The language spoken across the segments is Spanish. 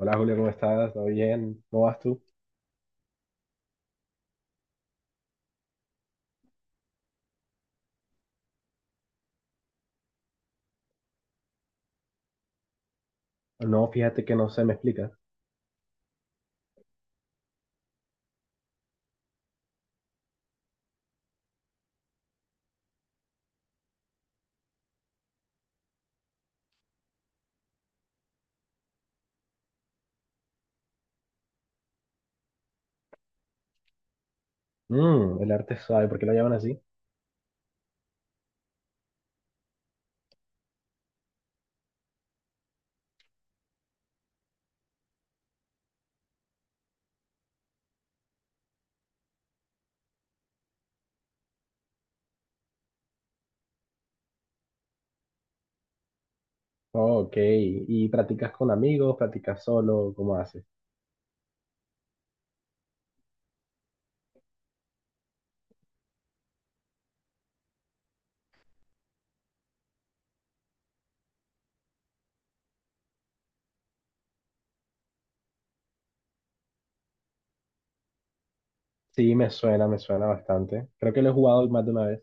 Hola Julio, ¿cómo estás? ¿Todo bien? ¿Cómo vas tú? No, fíjate que no sé, me explicas. El arte suave, ¿por qué lo llaman así? Ok, ¿y practicas con amigos? ¿Practicas solo? ¿Cómo haces? Sí, me suena bastante. Creo que lo he jugado más de una vez.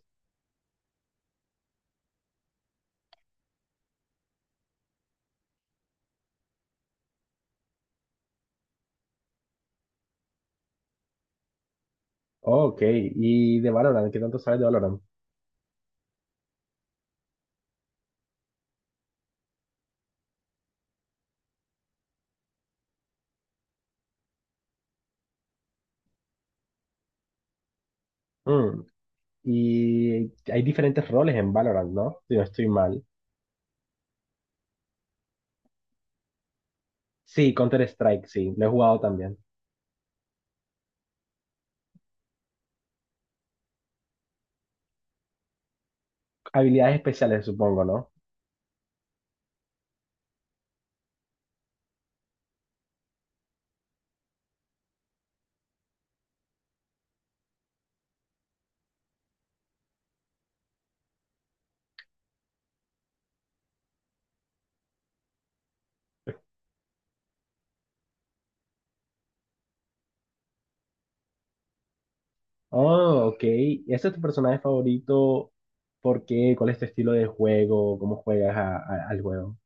Ok, ¿y de Valorant? ¿Qué tanto sabes de Valorant? Mm, y hay diferentes roles en Valorant, ¿no? Si no estoy mal. Sí, Counter-Strike, sí, lo he jugado también. Habilidades especiales, supongo, ¿no? Oh, ok. ¿Ese es tu personaje favorito? ¿Por qué? ¿Cuál es tu estilo de juego? ¿Cómo juegas al juego?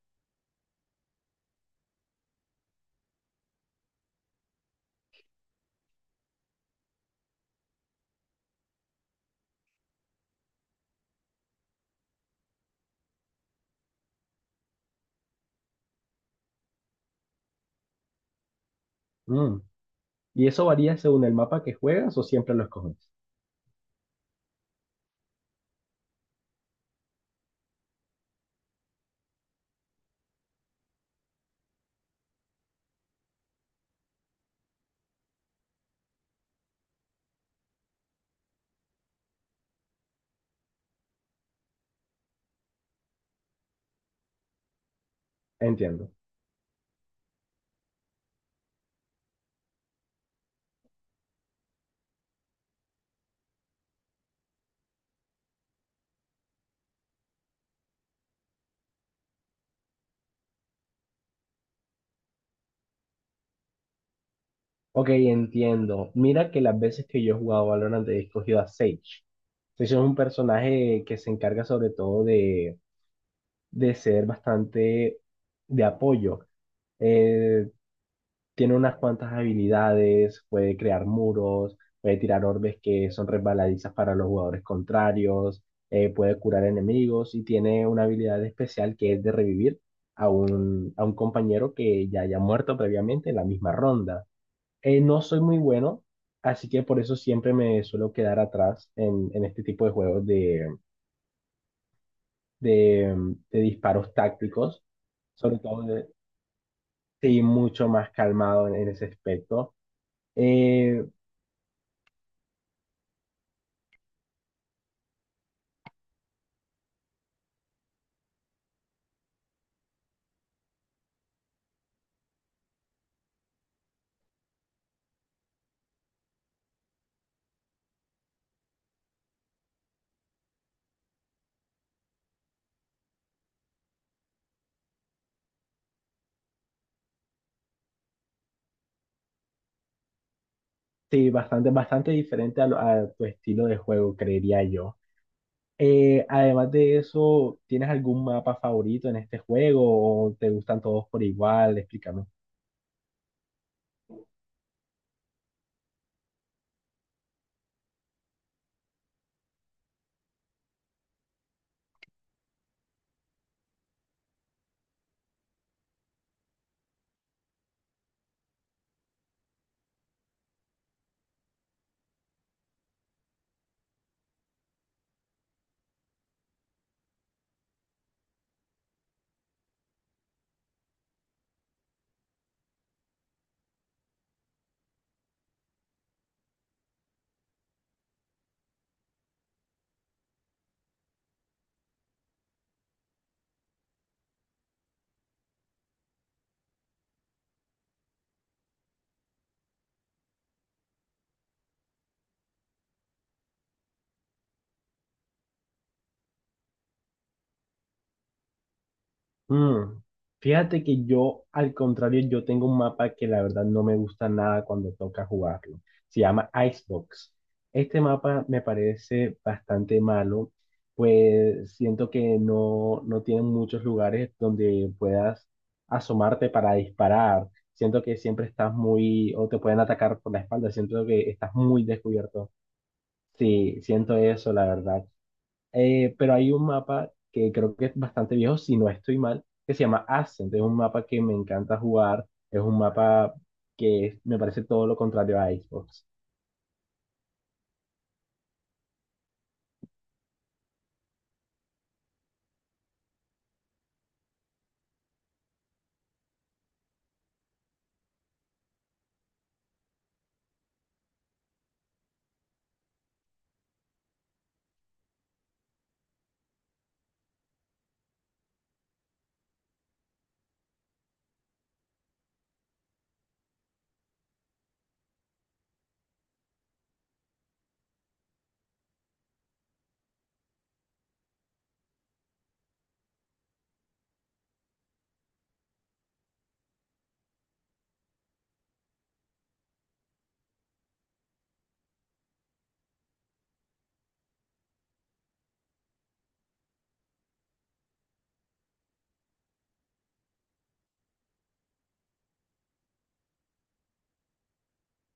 Mm. ¿Y eso varía según el mapa que juegas o siempre lo escoges? Entiendo. Ok, entiendo. Mira que las veces que yo he jugado Valorant he escogido a Sage. Sage es un personaje que se encarga sobre todo de ser bastante de apoyo. Eh, Tiene unas cuantas habilidades, puede crear muros, puede tirar orbes que son resbaladizas para los jugadores contrarios, puede curar enemigos y tiene una habilidad especial que es de revivir a un compañero que ya haya muerto previamente en la misma ronda. No soy muy bueno, así que por eso siempre me suelo quedar atrás en este tipo de juegos de disparos tácticos, sobre todo de, sí, mucho más calmado en ese aspecto. Eh, Sí, bastante, bastante diferente a tu estilo de juego, creería yo. Además de eso, ¿tienes algún mapa favorito en este juego o te gustan todos por igual? Explícame. Mm, Fíjate que yo, al contrario, yo tengo un mapa que la verdad no me gusta nada cuando toca jugarlo. Se llama Icebox. Este mapa me parece bastante malo, pues siento que no, no tiene muchos lugares donde puedas asomarte para disparar. Siento que siempre estás muy, o te pueden atacar por la espalda. Siento que estás muy descubierto. Sí, siento eso, la verdad. Pero hay un mapa que creo que es bastante viejo, si no estoy mal, que se llama Ascent. Es un mapa que me encanta jugar. Es un mapa me parece todo lo contrario a Xbox.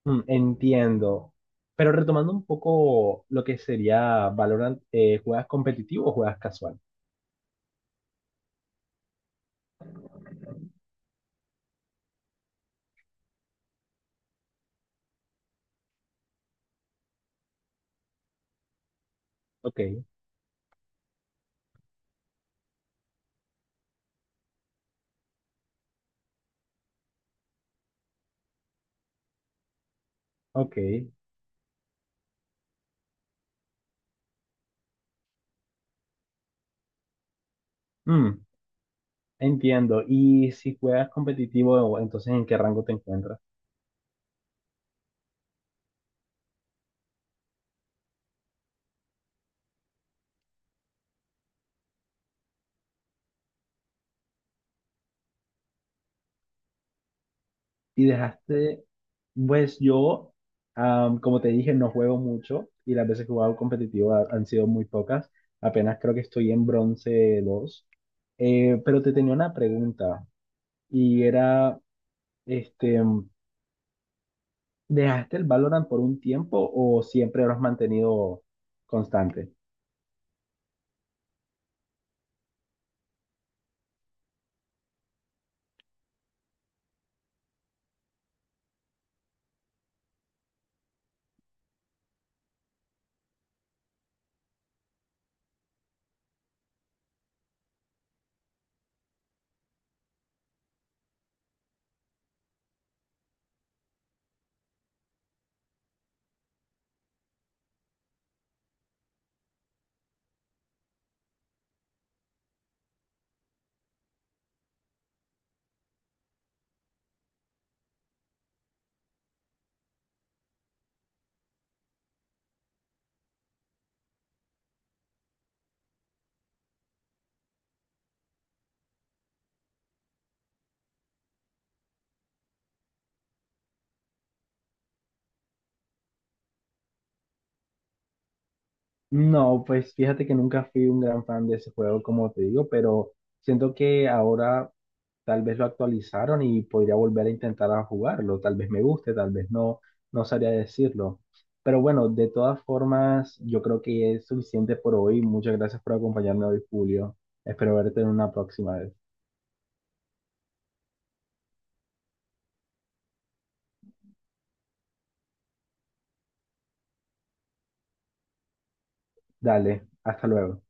Entiendo. Pero retomando un poco lo que sería Valorant, ¿juegas competitivo o juegas casual? Ok, ok. Mm, Entiendo. Y si juegas competitivo, entonces ¿en qué rango te encuentras? Y dejaste, pues yo, como te dije, no juego mucho y las veces que he jugado competitivo han sido muy pocas, apenas creo que estoy en bronce dos. Pero te tenía una pregunta y era, este, ¿dejaste el Valorant por un tiempo o siempre lo has mantenido constante? No, pues fíjate que nunca fui un gran fan de ese juego, como te digo, pero siento que ahora tal vez lo actualizaron y podría volver a intentar a jugarlo. Tal vez me guste, tal vez no, no sabría decirlo. Pero bueno, de todas formas, yo creo que es suficiente por hoy. Muchas gracias por acompañarme hoy, Julio. Espero verte en una próxima vez. Dale, hasta luego.